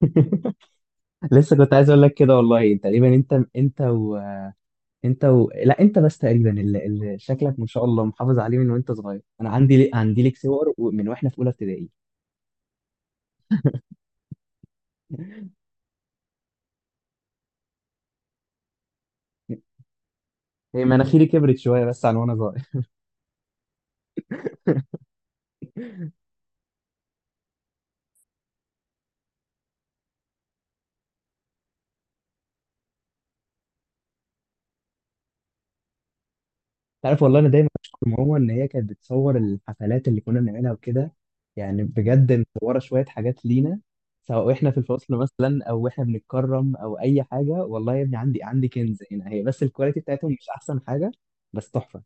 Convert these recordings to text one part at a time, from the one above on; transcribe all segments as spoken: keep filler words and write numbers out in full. لسه كنت عايز اقول لك كده، والله تقريبا انت انت وانت. و... لا انت بس تقريبا اللي, اللي شكلك ما شاء الله محافظ عليه من وانت صغير. انا عندي لي... عندي لك صور و- من واحنا في اولى ابتدائي. هي مناخيري كبرت شويه بس عن وانا صغير. تعرف والله انا دايما بشكر ماما ان هي كانت بتصور الحفلات اللي كنا بنعملها وكده. يعني بجد مصوره شويه حاجات لينا، سواء احنا في الفصل مثلا او احنا بنتكرم او اي حاجه. والله يا ابني عندي عندي كنز هنا، هي بس الكواليتي بتاعتهم مش احسن حاجه. بس تحفه.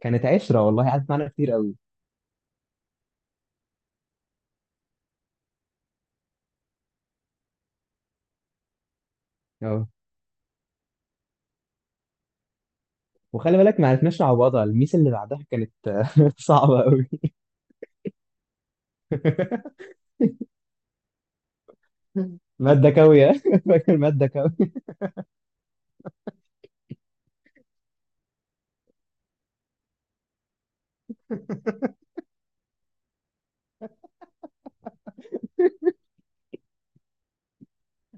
كانت عشرة والله، قعدت معانا كتير قوي. اه، وخلي بالك ما عرفناش نعوضها. الميس اللي بعدها كانت صعبة قوي. مادة كاوية. فاكر مادة كاوية.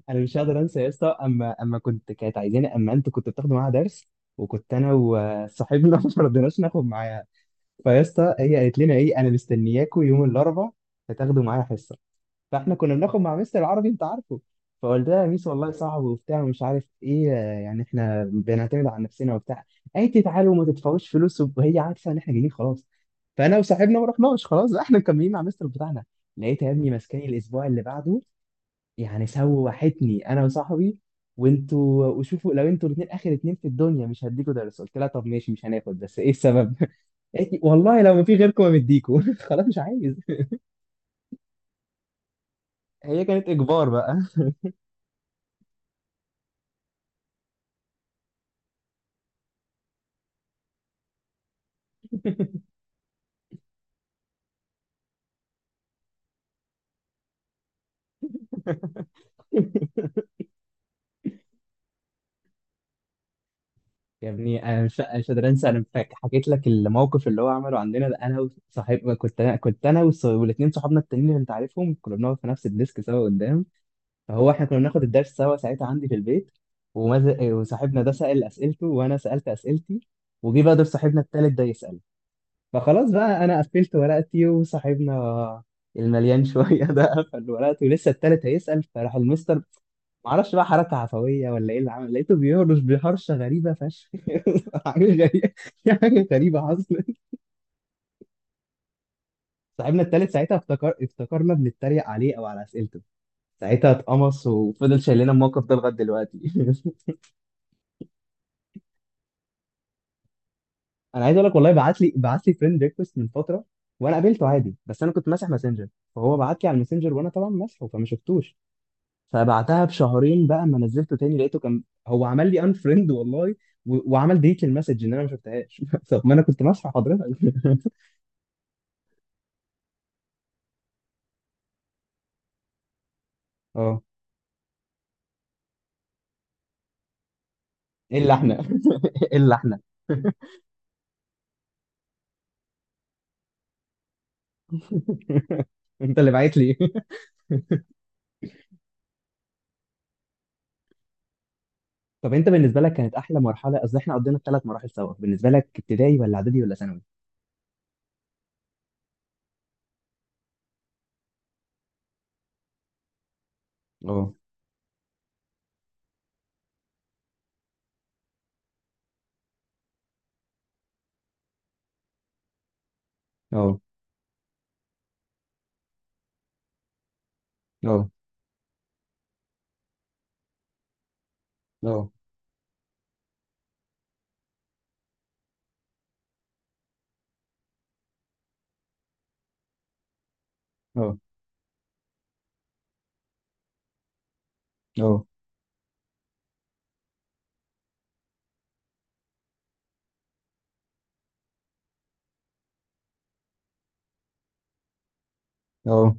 أنا مش هقدر أنسى يا اسطى. أما أما كنت كانت عايزاني أما أنتوا كنتوا بتاخدوا معاها درس، وكنت أنا وصاحبنا ما رضيناش ناخد معاها. فيا اسطى هي قالت لنا إيه؟ أنا مستنياكوا يوم الأربعاء، هتاخدوا معايا حصة. فاحنا كنا بناخد مع مستر العربي، انت عارفه. فقلت لها يا ميس والله صعب وبتاع ومش عارف ايه، آه، يعني احنا بنعتمد على نفسنا وبتاع. قالت لي تعالوا وما تدفعوش فلوس، وهي عارفه ان احنا جايين خلاص. فانا وصاحبنا ما رحناش خلاص، لا احنا مكملين مع مستر بتاعنا. لقيت يا ابني ماسكاني الاسبوع اللي بعده، يعني سوحتني انا وصاحبي. وانتوا وشوفوا لو انتوا الاثنين اخر اتنين في الدنيا مش هديكوا درس. قلت لها طب ماشي مش هناخد، بس ايه السبب؟ قالت لي والله لو ما في غيركم ما مديكوا. خلاص مش عايز. هي كانت اجبار بقى. يا ابني انا مش مش قادر انسى. انا فاك- حكيت لك الموقف اللي هو عمله عندنا ده. انا وصاحب كنت انا كنت انا والص- والاتنين صحابنا التانيين اللي انت عارفهم كنا بنقعد في نفس الديسك سوا قدام. فهو احنا كنا بناخد الدرس سوا ساعتها عندي في البيت. ومز... وصاحبنا ده سأل اسئلته وانا سألت اسئلتي. وجي بقى دور صاحبنا التالت ده يسأل. فخلاص بقى انا قفلت ورقتي، وصاحبنا المليان شويه ده قفل ورقته. لسه التالت هيسال، فراح المستر، معرفش بقى حركه عفويه ولا ايه اللي عمل، لقيته بيهرش بهرشه غريبه فشخ. حاجه غريبه. في حاجه غريبه حصلت. صاحبنا التالت ساعتها افتكر افتكرنا بنتريق عليه او على اسئلته. ساعتها اتقمص وفضل شايلنا الموقف ده لغايه دلوقتي. انا عايز اقول لك والله، بعت لي بعت لي فريند ريكوست من فتره. وانا قابلته عادي، بس انا كنت ماسح ماسنجر. فهو بعت لي على الماسنجر، وانا طبعا ماسحه فما شفتوش. فبعتها بشهرين بقى، اما نزلته تاني لقيته كان هو عمل لي انفريند والله. و... وعمل ديت للمسج ان انا ما شفتهاش. طب ما انا كنت مصفى حضرتك. اه. الا احنا. الا احنا. انت اللي بعت لي. طب انت بالنسبه لك كانت احلى مرحله؟ قصدي احنا قضينا الثلاث مراحل سوا، بالنسبه لك ابتدائي ولا اعدادي ولا ثانوي؟ اه، اه، اه، اه، اه، اه.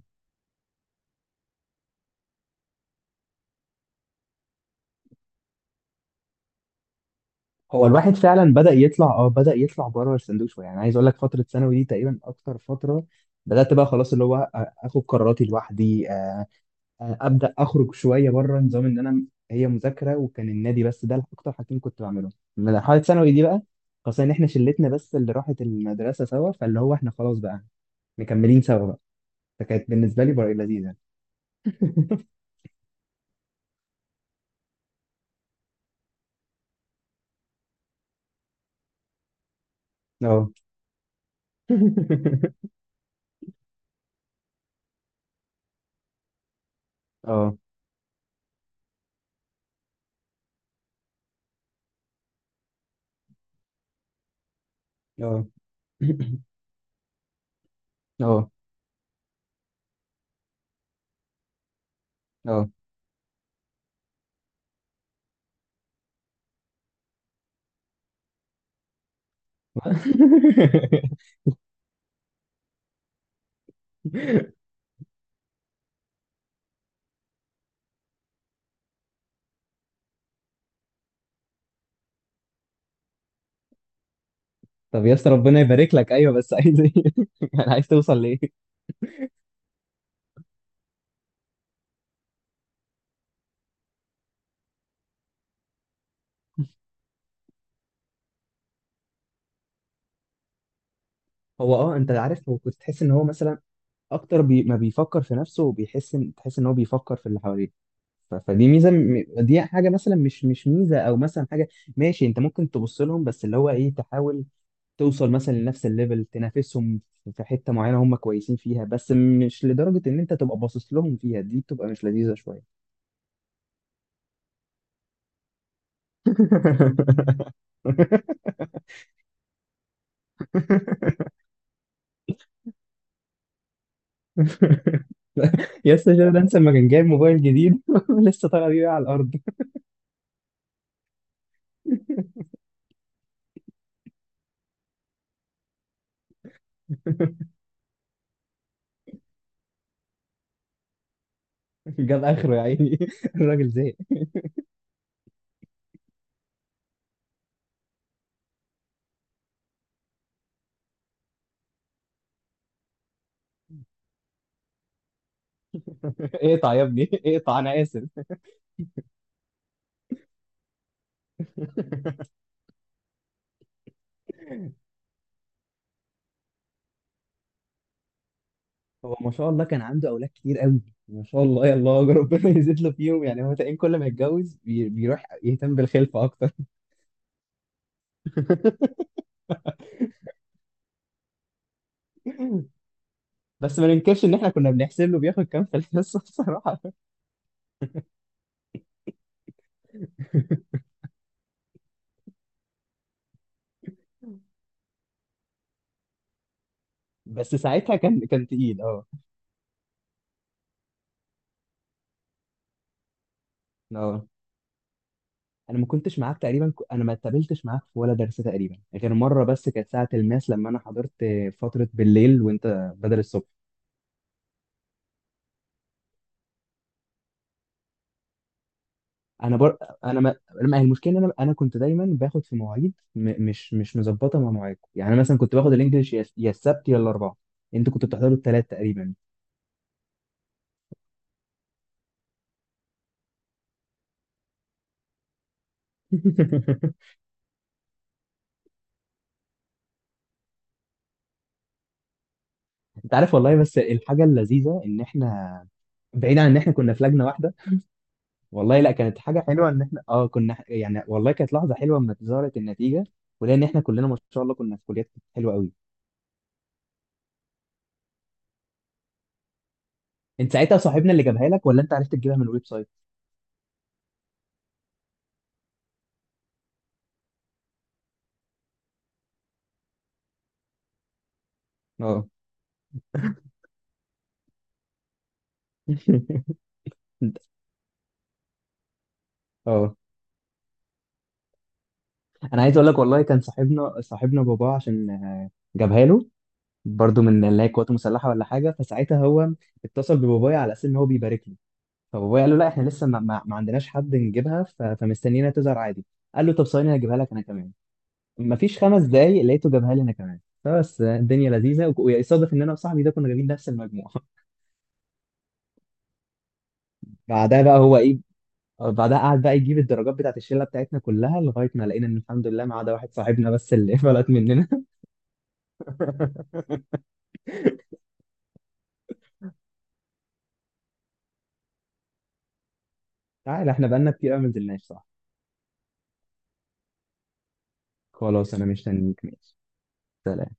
هو الواحد فعلا بدأ يطلع، اه بدأ يطلع بره الصندوق شويه. يعني عايز اقول لك فتره ثانوي دي تقريبا اكتر فتره بدأت بقى خلاص اللي هو آ- اخد قراراتي لوحدي، آ- ابدأ اخرج شويه بره نظام ان انا هي مذاكره وكان النادي. بس ده اكتر حاجتين كنت بعملهم من مرحله ثانوي دي بقى، خاصه ان احنا شلتنا بس اللي راحت المدرسه سوا، فاللي هو احنا خلاص بقى مكملين سوا بقى. فكانت بالنسبه لي بقى لذيذه. اه. اه، اه. اه، اه. طب يا اسطى ربنا يبارك لك، ايوه بس عايز ايه؟ يعني عايز توصل لايه؟ هو اه، انت عارف هو كنت تحس ان هو مثلا اكتر بي ما بيفكر في نفسه وبيحس ان تحس ان هو بيفكر في اللي حواليه. ف- فدي ميزه، م- دي حاجه مثلا مش مش ميزه او مثلا حاجه ماشي. انت ممكن تبص لهم، بس اللي هو ايه تحاول توصل مثلا لنفس الليفل تنافسهم في حته معينه هم كويسين فيها، بس مش لدرجه ان انت تبقى باصص لهم فيها، دي بتبقى مش لذيذه شويه. يا اسطى ده انسى لما كان جايب موبايل جديد لسه طالع بيه على الارض. جاب اخره يا عيني. الراجل زهق. اقطع يا ابني. اقطع انا اسف. هو ما شاء الله كان عنده اولاد كتير قوي. ما شاء الله يا الله. يا ربنا يزيد له فيهم. يعني هو تقريبا كل ما يتجوز بي- بيروح يهتم بالخلفه اكتر. بس ما ننكرش ان احنا كنا بنحسب له بياخد كام في الحصه. بصراحه. بس ساعتها كان كان تقيل، اه. اه انا ما كنتش معاك تقريبا، ك- انا ما اتقابلتش معاك في ولا درس تقريبا غير مره بس، كانت ساعه الماس لما انا حضرت فتره بالليل وانت بدل الصبح. انا بر... انا ما... ما هي المشكله إن انا انا كنت دايما باخد في مواعيد م... مش مش مظبطه مع مواعيدكم. يعني أنا مثلا كنت باخد الانجليش يا يا السبت يا الاربعاء، انتوا كنتوا بتحضروا الثلاث تقريبا. انت عارف والله، بس الحاجه اللذيذه ان احنا بعيد عن ان احنا كنا في لجنه واحده، والله لا كانت حاجة حلوة ان احنا اه كنا ح- يعني والله كانت لحظة حلوة لما ظهرت النتيجة. ولان احنا كلنا ما شاء الله كنا في كليات حلوة قوي. انت ساعتها صاحبنا اللي جابها لك ولا انت عرفت تجيبها من الويب سايت؟ اه. اه. انا عايز اقول لك والله، كان صاحبنا صاحبنا باباه عشان آه، جابها له برضه من اللي هي قوات مسلحة ولا حاجة. فساعتها هو اتصل ببابايا على اساس ان هو بيبارك له. فبابايا قال له لا احنا لسه ما, ما, ما عندناش حد نجيبها، ف- فمستنينا تظهر عادي. قال له طب ثواني انا هجيبها لك انا كمان. مفيش خمس دقايق لقيته جابها لي انا كمان. فبس الدنيا لذيذه، وك- ويصادف ان انا وصاحبي ده كنا جايبين نفس المجموعه. بعدها بقى هو ايه؟ بعدها قعد بقى يجيب الدرجات بتاعت الشله بتاعتنا كلها لغايه ما لقينا ان الحمد لله ما عدا واحد صاحبنا بس اللي فلت مننا. تعال احنا بقالنا كتير قوي ما نزلناش، صح؟ خلاص انا مش هنيك، ماشي. سلام.